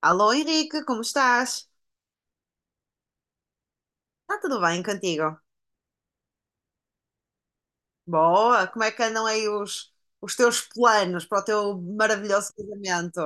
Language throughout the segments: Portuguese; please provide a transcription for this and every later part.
Alô Henrique, como estás? Está tudo bem contigo? Boa, como é que andam aí os teus planos para o teu maravilhoso casamento?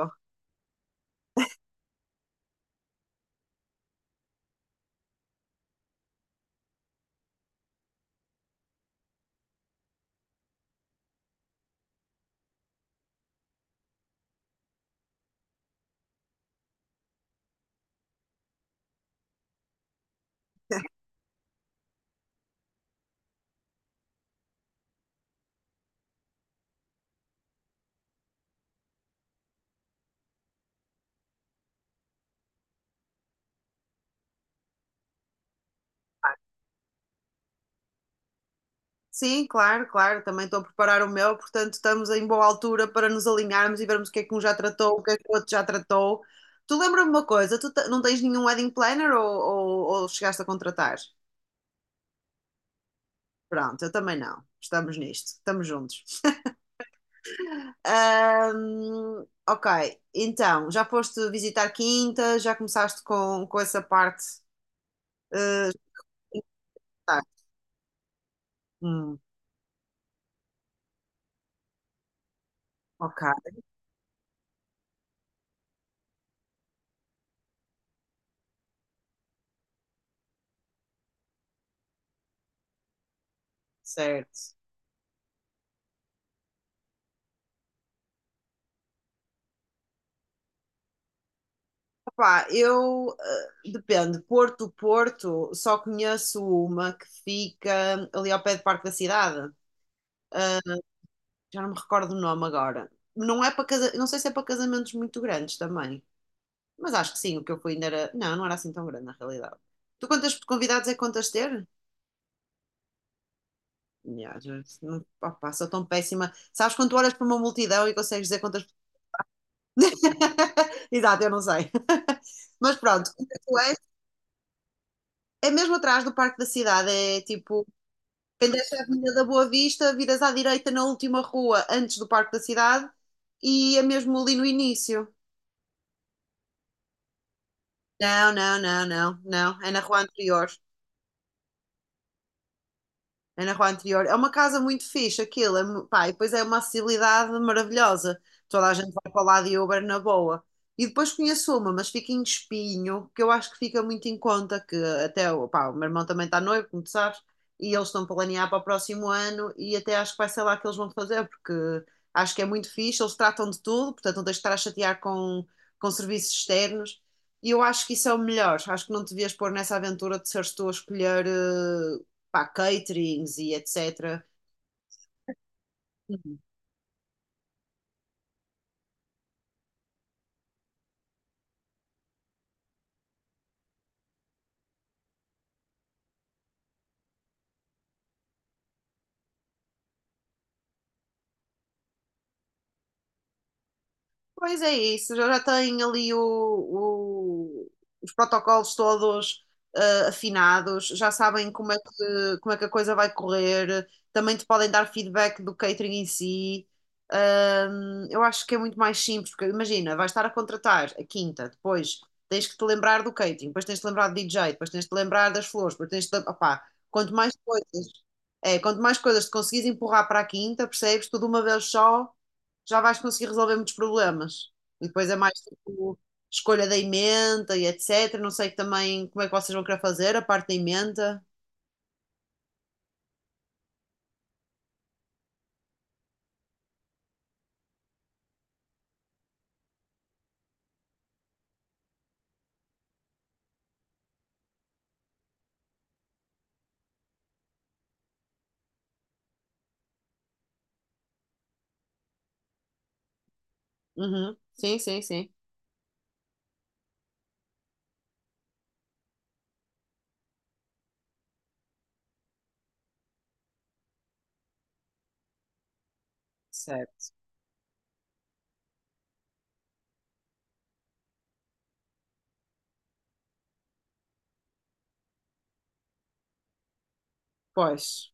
Sim, claro, claro, também estou a preparar o meu, portanto estamos em boa altura para nos alinharmos e vermos o que é que um já tratou, o que é que o outro já tratou. Tu lembra-me uma coisa, não tens nenhum wedding planner ou chegaste a contratar? Pronto, eu também não, estamos nisto, estamos juntos. Ok, então, já foste visitar Quinta, já começaste com essa parte. eh, tá. Hum, ok, certo. Opá, eu, depende, Porto, só conheço uma que fica ali ao pé do Parque da Cidade. Ah, já não me recordo o nome agora. Não é para casa, não sei se é para casamentos muito grandes também, mas acho que sim, o que eu fui ainda era. Não, não era assim tão grande na realidade. Tu quantas convidados é que contas ter? Ya, já- se não- opá, sou tão péssima. Sabes quando tu olhas para uma multidão e consegues dizer quantas. Exato, eu não sei. Mas pronto, tu és, é mesmo atrás do Parque da Cidade. É tipo, quem desce a Avenida da Boa Vista, viras à direita na última rua antes do Parque da Cidade e é mesmo ali no início. Não. É na rua anterior. É na rua anterior. É uma casa muito fixe, aquilo. É, pá, e depois é uma acessibilidade maravilhosa. Toda a gente vai para lá de Uber na boa. E depois conheço uma, mas fica em Espinho, que eu acho que fica muito em conta, que até o meu irmão também está noivo, como tu sabes, e eles estão a planear para o próximo ano, e até acho que vai ser lá que eles vão fazer, porque acho que é muito fixe, eles tratam de tudo, portanto não tens de estar a chatear com serviços externos, e eu acho que isso é o melhor. Acho que não te devias pôr nessa aventura de seres tu a escolher caterings e etc. Pois é isso, já têm ali os protocolos todos afinados, já sabem como é que a coisa vai correr, também te podem dar feedback do catering em si. Eu acho que é muito mais simples, porque imagina, vais estar a contratar a quinta, depois tens que te lembrar do catering, depois tens de te lembrar do DJ, depois tens de te lembrar das flores, depois tens de. Te- Opá, quanto mais coisas, é, quanto mais coisas te conseguires empurrar para a quinta, percebes? Tudo uma vez só já vais conseguir resolver muitos problemas. E depois é mais tipo escolha da ementa e etc. Não sei também como é que vocês vão querer fazer a parte da emenda. Uhum. Sim, sim, sim. Certo. Pois,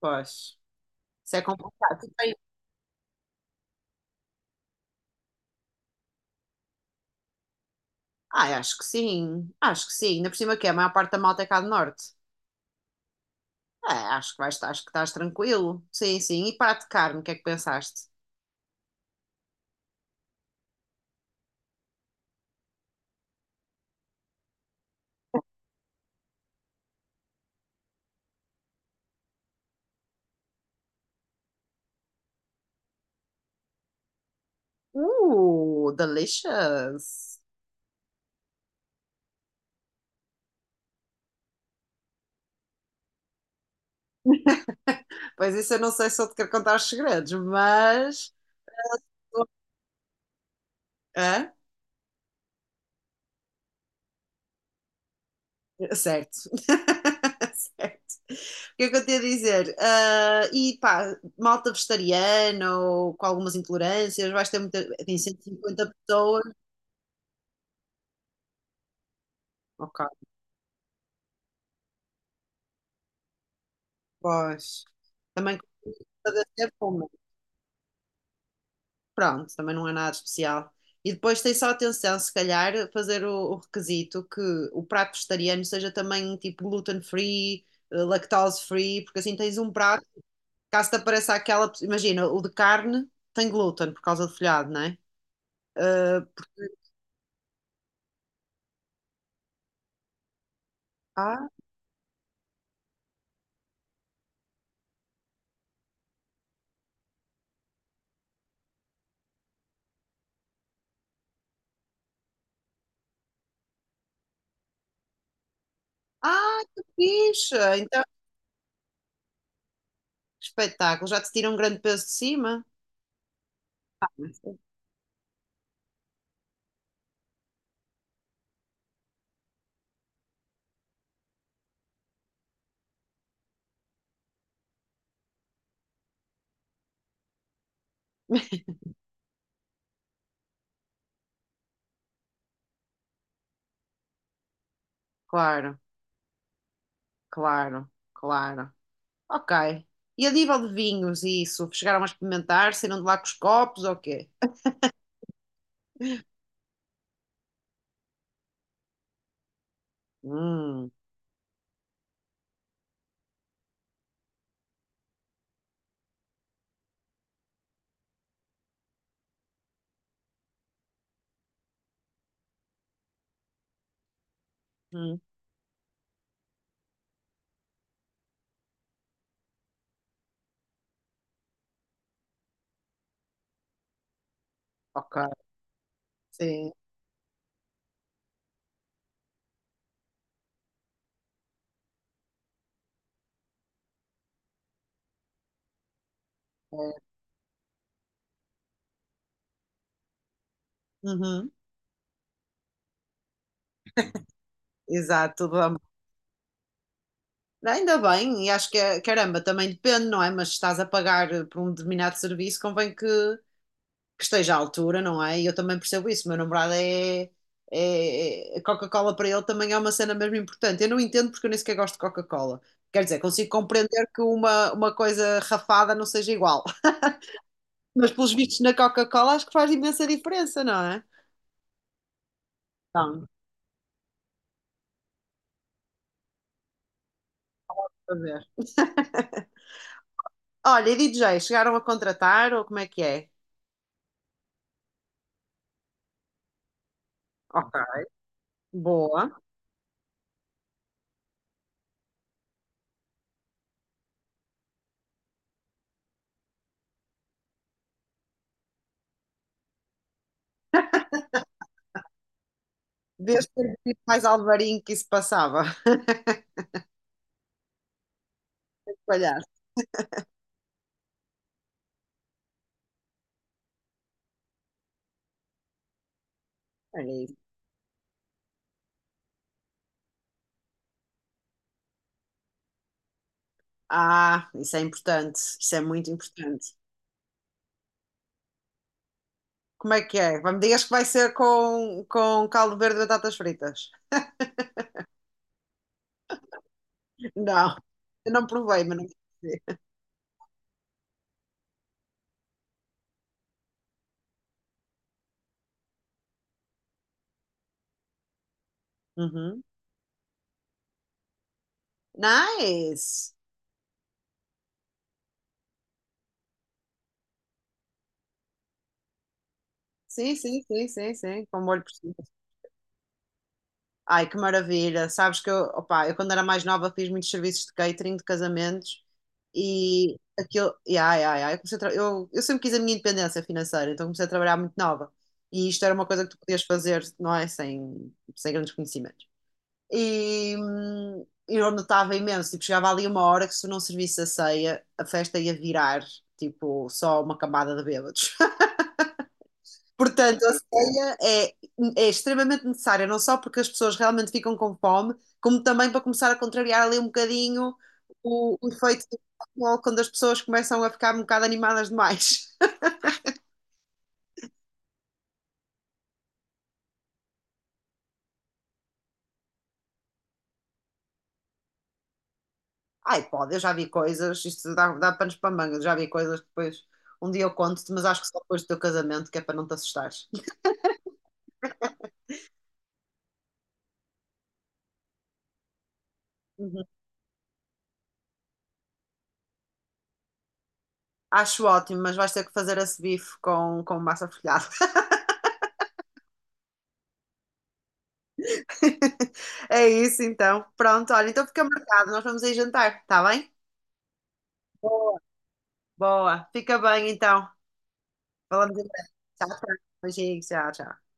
pois. Isso é complicado. Ah, acho que sim. Acho que sim. Ainda por cima que é, a maior parte da malta é cá do norte. É, acho que vais, acho que estás tranquilo. Sim, sim. E prato de carne, o que é que pensaste? Delicious! Pois isso eu não sei se eu te quero contar os segredos, mas. Hã? Certo. Certo. O que é que eu tenho a dizer? Ah, e pá, malta vegetariana ou com algumas intolerâncias, vais ter muita. Tem 150 pessoas. Ok, pois. Também com ter fome. Pronto, também não é nada especial. E depois tem só atenção, se calhar, fazer o requisito que o prato vegetariano seja também tipo gluten-free, lactose-free, porque assim tens um prato, caso te apareça aquela. Imagina, o de carne tem glúten por causa do folhado, né? Ah, ah, que fixe! Então, que espetáculo! Já te tira um grande peso de cima? Ah, claro, claro, claro. Ok. E a nível de vinhos e isso? Chegaram a experimentar? Saíram de lá com os copos ou quê? Hum, hum, ok. Sim. É. Uhum, exato, vamos. Ainda bem, e acho que, caramba, também depende, não é? Mas se estás a pagar por um determinado serviço, convém que esteja à altura, não é? E eu também percebo isso. Meu namorado é. Coca-Cola para ele também é uma cena mesmo importante. Eu não entendo porque eu nem sequer gosto de Coca-Cola. Quer dizer, consigo compreender que uma coisa rafada não seja igual. Mas pelos vistos na Coca-Cola acho que faz imensa diferença, não é? Então, a ver. Olha, e DJ, chegaram a contratar ou como é que é? Ok, boa. Deves ter dito mais Alvarinho que isso passava. Olha, olha isso. Ah, isso é importante. Isso é muito importante. Como é que é? Me digas que vai ser com caldo verde e batatas fritas. Não, eu não provei, mas não sei. Uhum. Nice! Sim, sim, sim, sim, sim, com molho por cima. Ai, que maravilha! Sabes que eu, opá, eu quando era mais nova fiz muitos serviços de catering de casamentos e aquilo. E, ai, ai, ai, eu, eu sempre quis a minha independência financeira, então comecei a trabalhar muito nova. E isto era uma coisa que tu podias fazer, não é? Sem grandes conhecimentos. E, eu notava imenso, tipo, chegava ali uma hora que se não servisse a ceia, a festa ia virar, tipo, só uma camada de bêbados. Portanto, a ceia é, é extremamente necessária, não só porque as pessoas realmente ficam com fome, como também para começar a contrariar ali um bocadinho o efeito do futebol, quando as pessoas começam a ficar um bocado animadas demais. Ai, pode, eu já vi coisas, isto dá panos para manga, eu já vi coisas que depois um dia eu conto-te, mas acho que só depois do teu casamento, que é para não te assustares. Uhum. Acho ótimo, mas vais ter que fazer esse bife com massa folhada. É isso então. Pronto, olha, então fica marcado. Nós vamos aí jantar, está bem? Boa. Boa. Fica bem então. Falamos em breve. Tchau, tchau. Beijinhos, tchau, tchau.